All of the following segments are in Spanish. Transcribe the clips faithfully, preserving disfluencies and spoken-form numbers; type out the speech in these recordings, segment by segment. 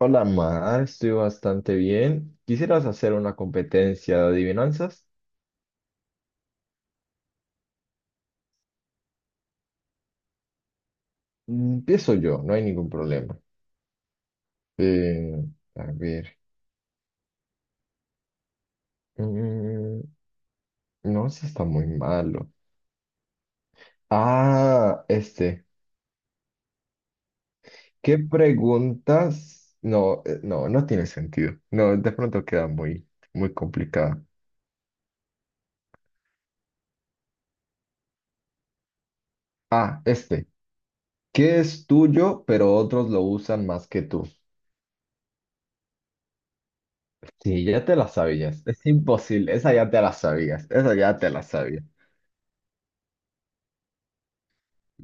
Hola, Mar, estoy bastante bien. ¿Quisieras hacer una competencia de adivinanzas? Mm, Empiezo yo, no hay ningún problema. Eh, a ver, mm, no, si está muy malo. Ah, este, ¿qué preguntas? No, eh, no, no tiene sentido. No, de pronto queda muy, muy complicada. Ah, este, ¿qué es tuyo, pero otros lo usan más que tú? Sí, ya te la sabías. Es imposible, esa ya te la sabías, esa ya te la sabías.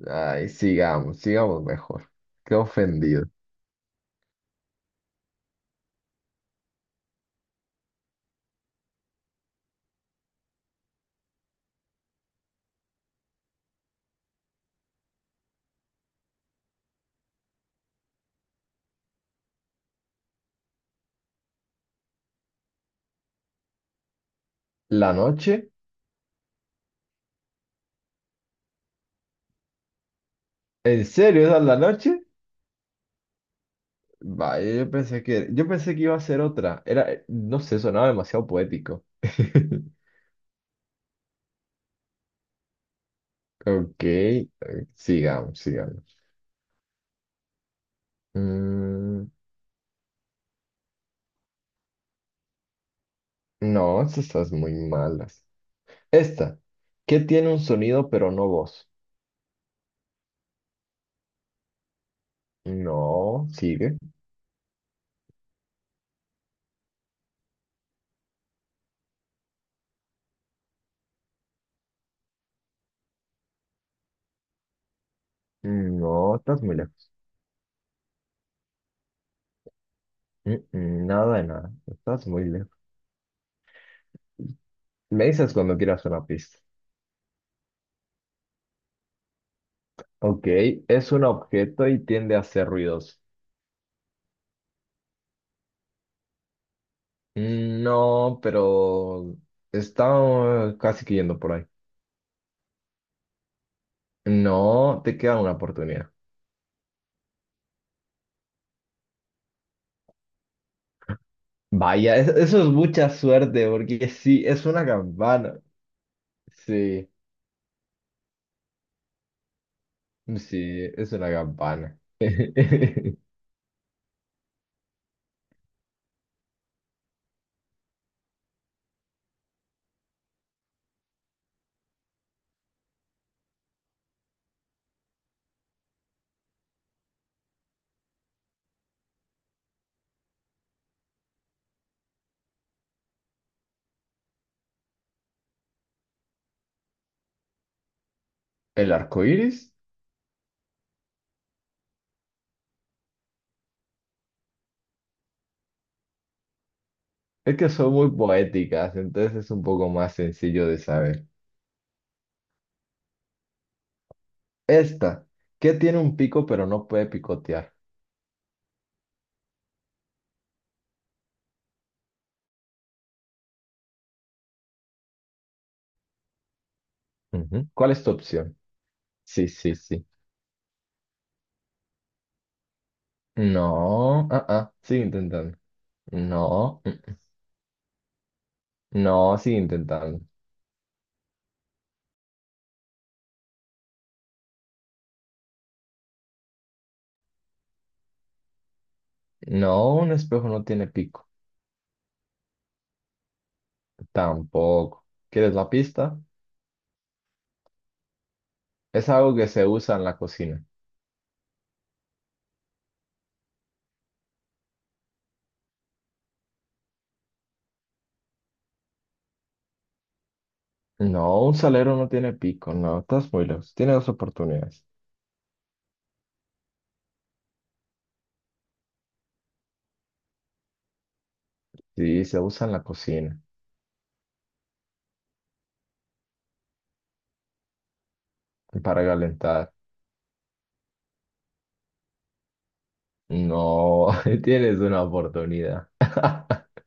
Ay, sigamos, sigamos mejor. Qué ofendido. ¿La noche? ¿En serio esa es la noche? Vaya, yo pensé que, yo pensé que iba a ser otra. Era, eh, no sé, sonaba demasiado poético. Ok, eh, sigamos, sigamos. Mm, no, estas estás muy malas. Esta, ¿qué tiene un sonido pero no voz? No, sigue. No, estás muy lejos. Mm, mm, nada de nada, estás muy lejos. Me dices cuando quieras una pista. Ok, es un objeto y tiende a hacer ruidos. Mm, no, pero está eh, casi que yendo por ahí. No, te queda una oportunidad. Vaya, es- eso es mucha suerte porque sí, es una campana. Sí, sí, es una campana. ¿El arco iris? Es que son muy poéticas, entonces es un poco más sencillo de saber. Esta, que tiene un pico pero no puede picotear. Ujú. ¿Cuál es tu opción? Sí, sí, sí. No, ah, ah, sigue intentando. No, mm, no, sigue intentando. No, un espejo no tiene pico. Tampoco. ¿Quieres la pista? Es algo que se usa en la cocina. No, un salero no tiene pico. No, estás muy lejos. Tienes dos oportunidades. Sí, se usa en la cocina para calentar. No, tienes una oportunidad.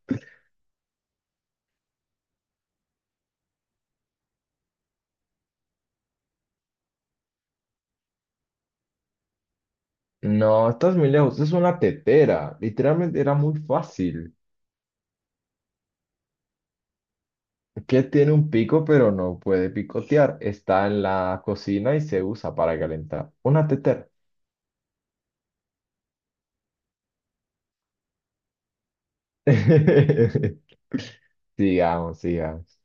No, estás muy lejos. Es una tetera. Literalmente era muy fácil. Que tiene un pico pero no puede picotear. Está en la cocina y se usa para calentar. Una tetera. Sigamos, sigamos.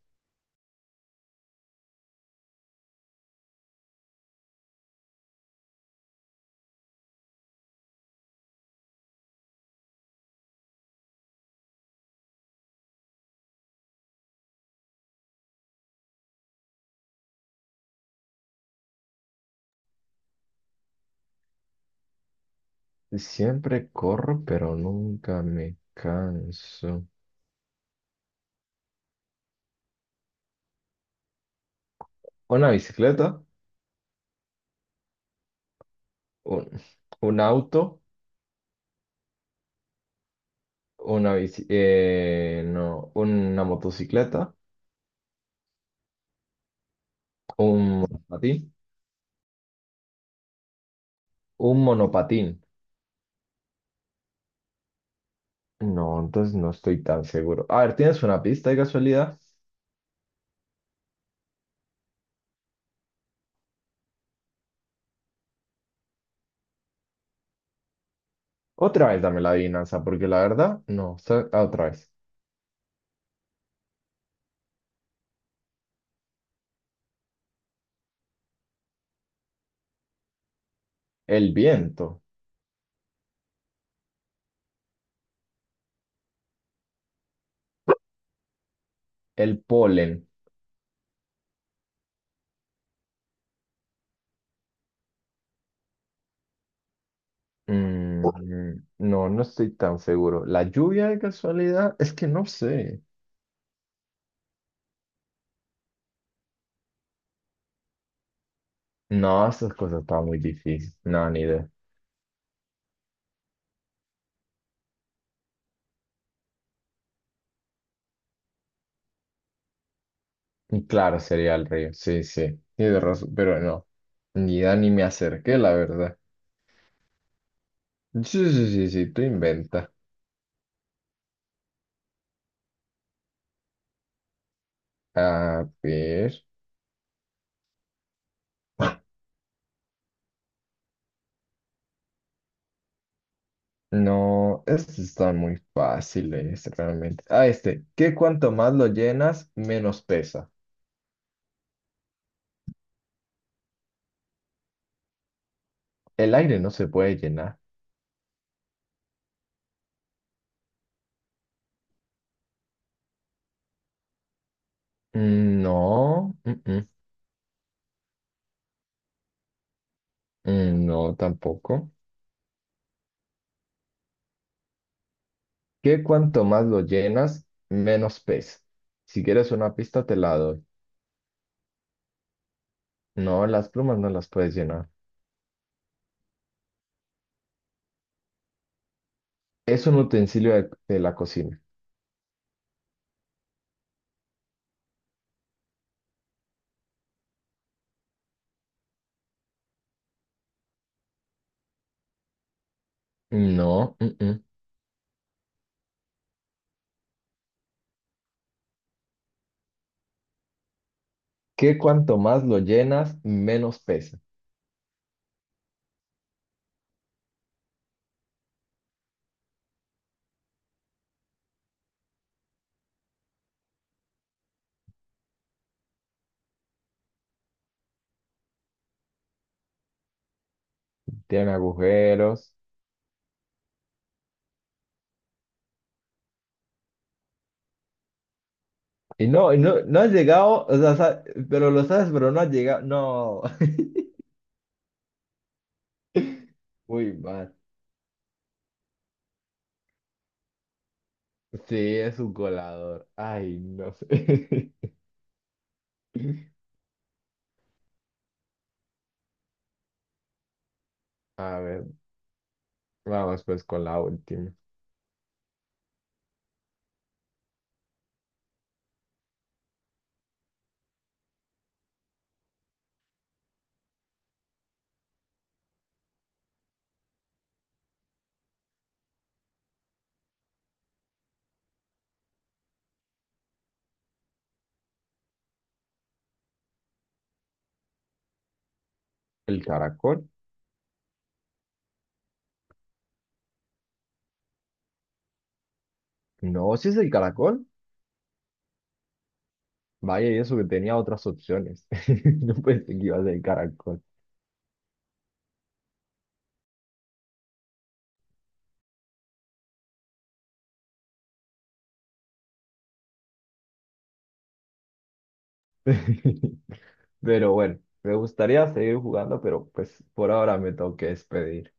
Siempre corro pero nunca me canso. Una bicicleta, un, un auto, una bici, eh, no, una motocicleta, un monopatín, un monopatín. No, entonces no estoy tan seguro. A ver, ¿tienes una pista de casualidad? Otra vez dame la adivinanza, porque la verdad, no, sa- ah, otra vez. El viento, el polen. Mm, no, no estoy tan seguro. ¿La lluvia de casualidad? Es que no sé. No, esas cosas estaban muy difíciles. No, ni idea. Y claro, sería el río. Sí, sí. Tienes razón, pero no. Ni idea ni me acerqué, la verdad. Sí, sí, sí, sí, tú inventa. A ver. No, estos están muy fáciles realmente. Ah, este, que cuanto más lo llenas, menos pesa. El aire no se puede llenar. Mm, No, mm, mm, mm, no tampoco. Que cuanto más lo llenas, menos pesa. Si quieres una pista, te la doy. No, las plumas no las puedes llenar. Es un utensilio de, de la cocina. No, mm, mm. Que cuanto más lo llenas, menos pesa. Tiene agujeros. Y no, y no, no has llegado, o sea, sa- pero lo sabes, pero no has llegado. No. Muy mal. Sí, es un colador. Ay, no sé. A ver, vamos pues con la última. ¿El caracol? No, si es el caracol. Vaya, y eso que tenía otras opciones. No pensé que iba a ser el caracol. Pero bueno, me gustaría seguir jugando, pero pues por ahora me tengo que despedir.